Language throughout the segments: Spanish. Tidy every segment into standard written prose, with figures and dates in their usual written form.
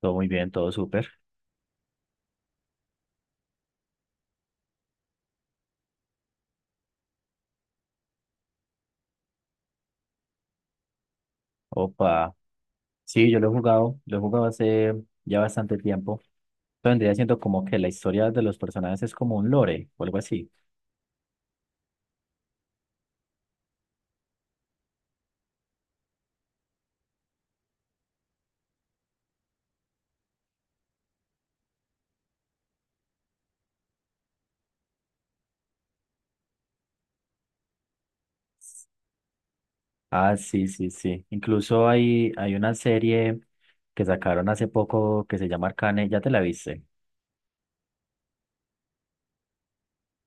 Todo muy bien, todo súper. Opa. Sí, yo lo he jugado hace ya bastante tiempo, entonces vendría siendo como que la historia de los personajes es como un lore o algo así. Ah, sí, sí, sí. Incluso hay una serie que sacaron hace poco que se llama Arcane, ya te la viste.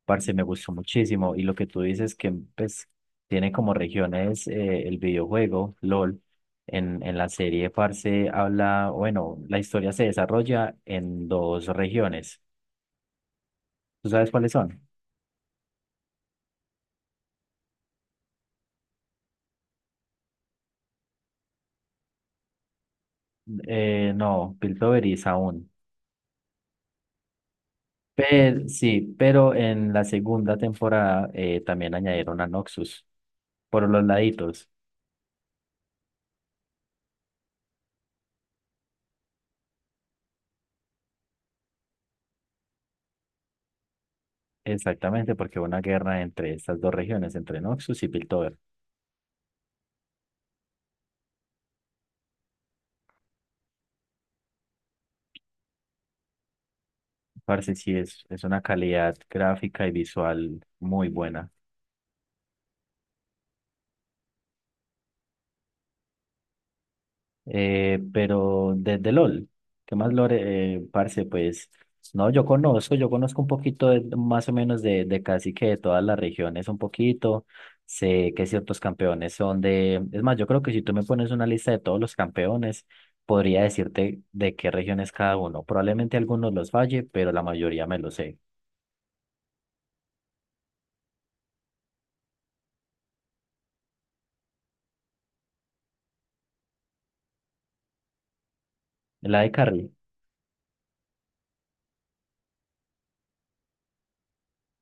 Parce, me gustó muchísimo. Y lo que tú dices que pues tiene como regiones, el videojuego, LOL. En la serie, parce, habla, bueno, la historia se desarrolla en dos regiones. ¿Tú sabes cuáles son? No, Piltover aún. Pero, sí, pero en la segunda temporada, también añadieron a Noxus por los laditos. Exactamente, porque hubo una guerra entre estas dos regiones, entre Noxus y Piltover. Parece sí es, una calidad gráfica y visual muy buena. Pero desde LOL, ¿qué más lore, parce? Pues no, yo conozco, un poquito más o menos de casi que de todas las regiones, un poquito. Sé que ciertos campeones son de. Es más, yo creo que si tú me pones una lista de todos los campeones, podría decirte de qué región es cada uno. Probablemente algunos los falle, pero la mayoría me lo sé. La de Carrie.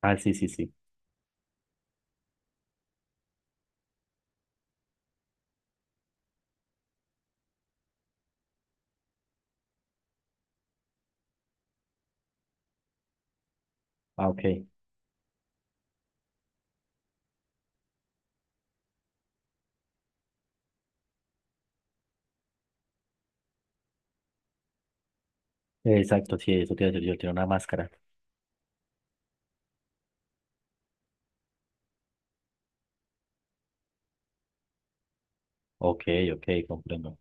Ah, sí, sí, sí. Ah, ok. Exacto, sí, eso tiene, yo tiene una máscara. Ok, ok, comprendo.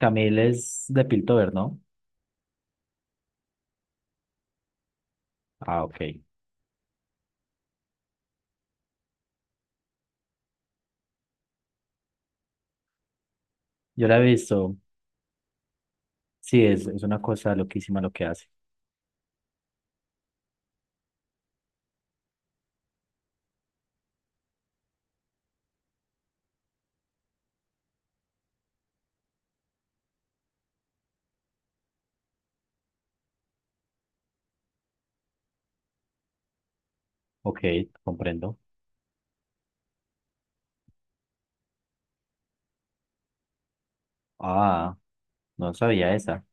Camille es de Piltover, ¿no? Ah, ok. Yo la he visto. Sí, es, una cosa loquísima lo que hace. Ok, comprendo. Ah, no sabía esa.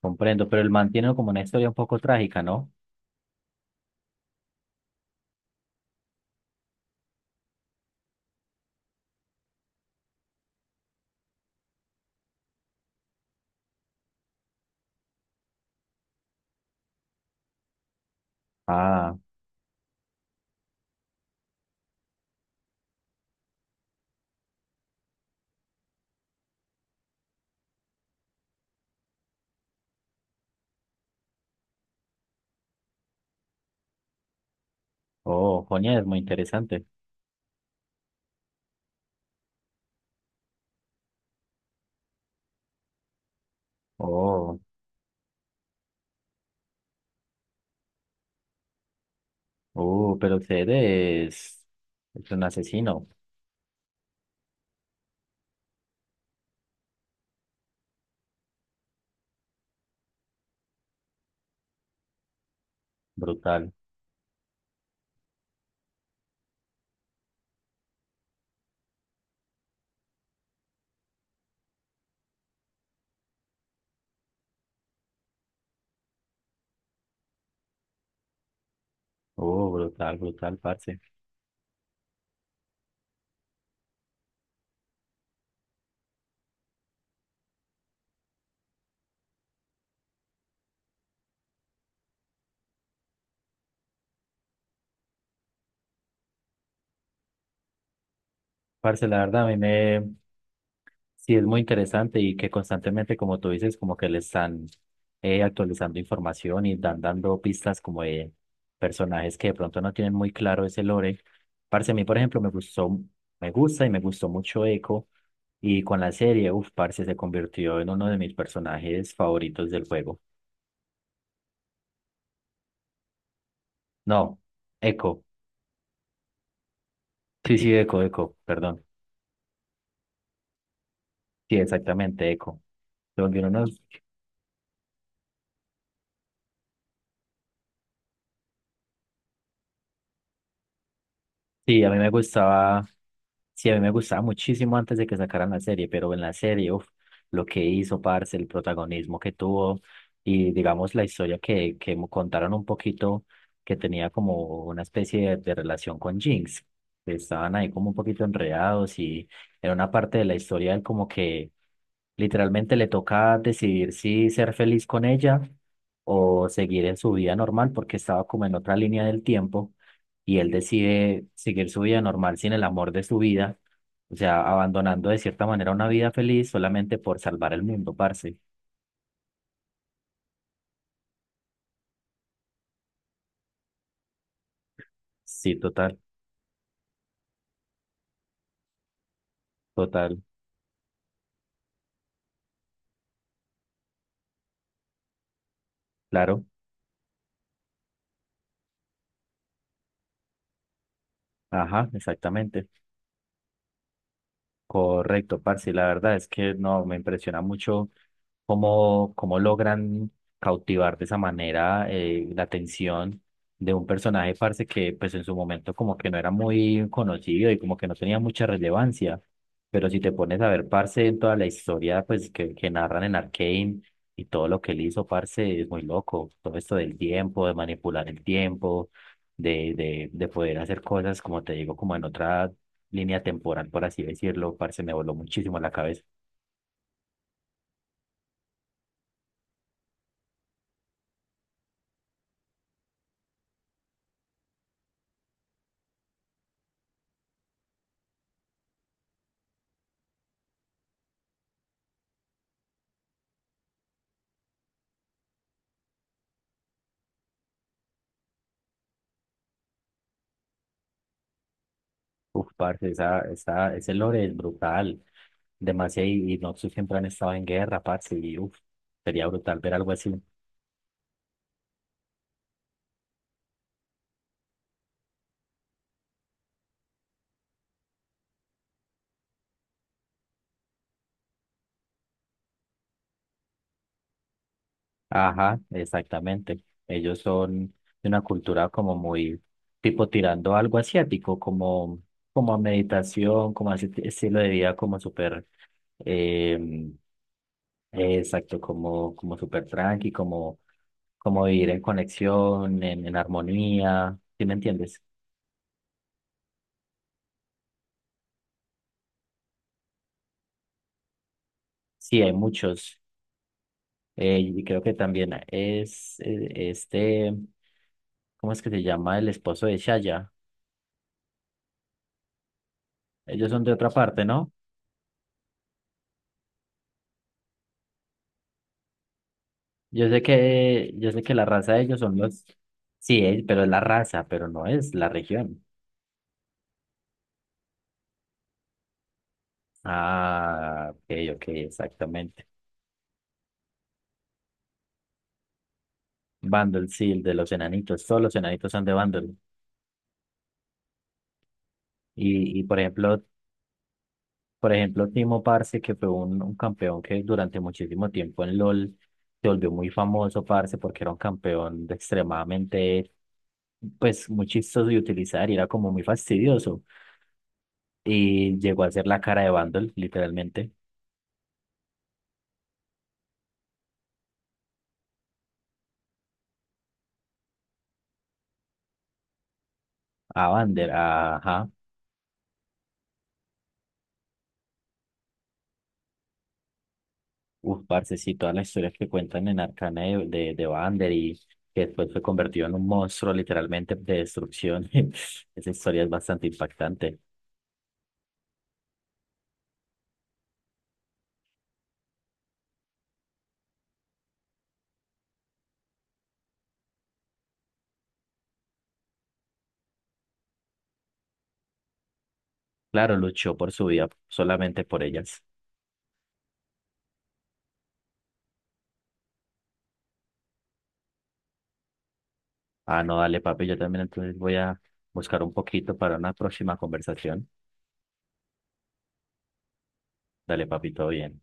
Comprendo, pero el man tiene como una historia un poco trágica, ¿no? Ah, oh, coña, es muy interesante. Oh, pero usted es un asesino. Brutal. Oh, brutal, brutal, parce. Parce, la verdad, a mí me, sí, es muy interesante y que constantemente, como tú dices, como que le están, actualizando información y dando pistas como de personajes que de pronto no tienen muy claro ese lore. Parce, a mí, por ejemplo, me gustó, me gusta y me gustó mucho Echo, y con la serie, uff, parce, se convirtió en uno de mis personajes favoritos del juego. No, Echo, sí, sí, Echo, Echo, perdón. Sí, exactamente, Echo. Se volvió uno nos, sí, a mí me gustaba, sí, a mí me gustaba muchísimo antes de que sacaran la serie, pero en la serie, uf, lo que hizo, parce, el protagonismo que tuvo y digamos la historia que, me contaron un poquito, que tenía como una especie de relación con Jinx. Estaban ahí como un poquito enredados y en una parte de la historia él como que literalmente le toca decidir si ser feliz con ella o seguir en su vida normal porque estaba como en otra línea del tiempo, y él decide seguir su vida normal sin el amor de su vida, o sea, abandonando de cierta manera una vida feliz solamente por salvar el mundo, parce. Sí, total, total, claro, ajá, exactamente. Correcto, parce. La verdad es que no, me impresiona mucho cómo, logran cautivar de esa manera, la atención de un personaje, parce, que pues en su momento como que no era muy conocido y como que no tenía mucha relevancia. Pero si te pones a ver, parce, en toda la historia pues que, narran en Arcane, y todo lo que él hizo, parce, es muy loco. Todo esto del tiempo, de manipular el tiempo, de poder hacer cosas, como te digo, como en otra línea temporal, por así decirlo, parce, me voló muchísimo la cabeza. Uf, parce, ese lore es brutal, demasiado, y Noxus siempre han estado en guerra, parce, y uf, sería brutal ver algo así. Ajá, exactamente. Ellos son de una cultura como muy tipo tirando algo asiático, como, como, a meditación, como a ese estilo de vida como súper, em, exacto, como, como, súper tranqui, como vivir en conexión, en armonía, ¿sí me entiendes? Sí, hay muchos. Y creo que también es, ¿cómo es que se llama? El esposo de Shaya. Ellos son de otra parte, ¿no? Yo sé que, la raza de ellos son los, sí, es pero es la raza, pero no es la región. Ah, ok, ok, exactamente. Vandal, sí, el de los enanitos, todos los enanitos son de Vandal. y, por ejemplo, Timo Parce, que fue un campeón que durante muchísimo tiempo en LOL se volvió muy famoso, parce, porque era un campeón de extremadamente, pues, muy chistoso de utilizar y era como muy fastidioso. Y llegó a ser la cara de Vandal, literalmente. A Vander, ajá. Uf, parce, sí, todas las historias que cuentan en Arcane de, Vander, y que después fue convertido en un monstruo literalmente de destrucción. Esa historia es bastante impactante. Claro, luchó por su vida, solamente por ellas. Ah, no, dale, papi, yo también entonces voy a buscar un poquito para una próxima conversación. Dale, papi, todo bien.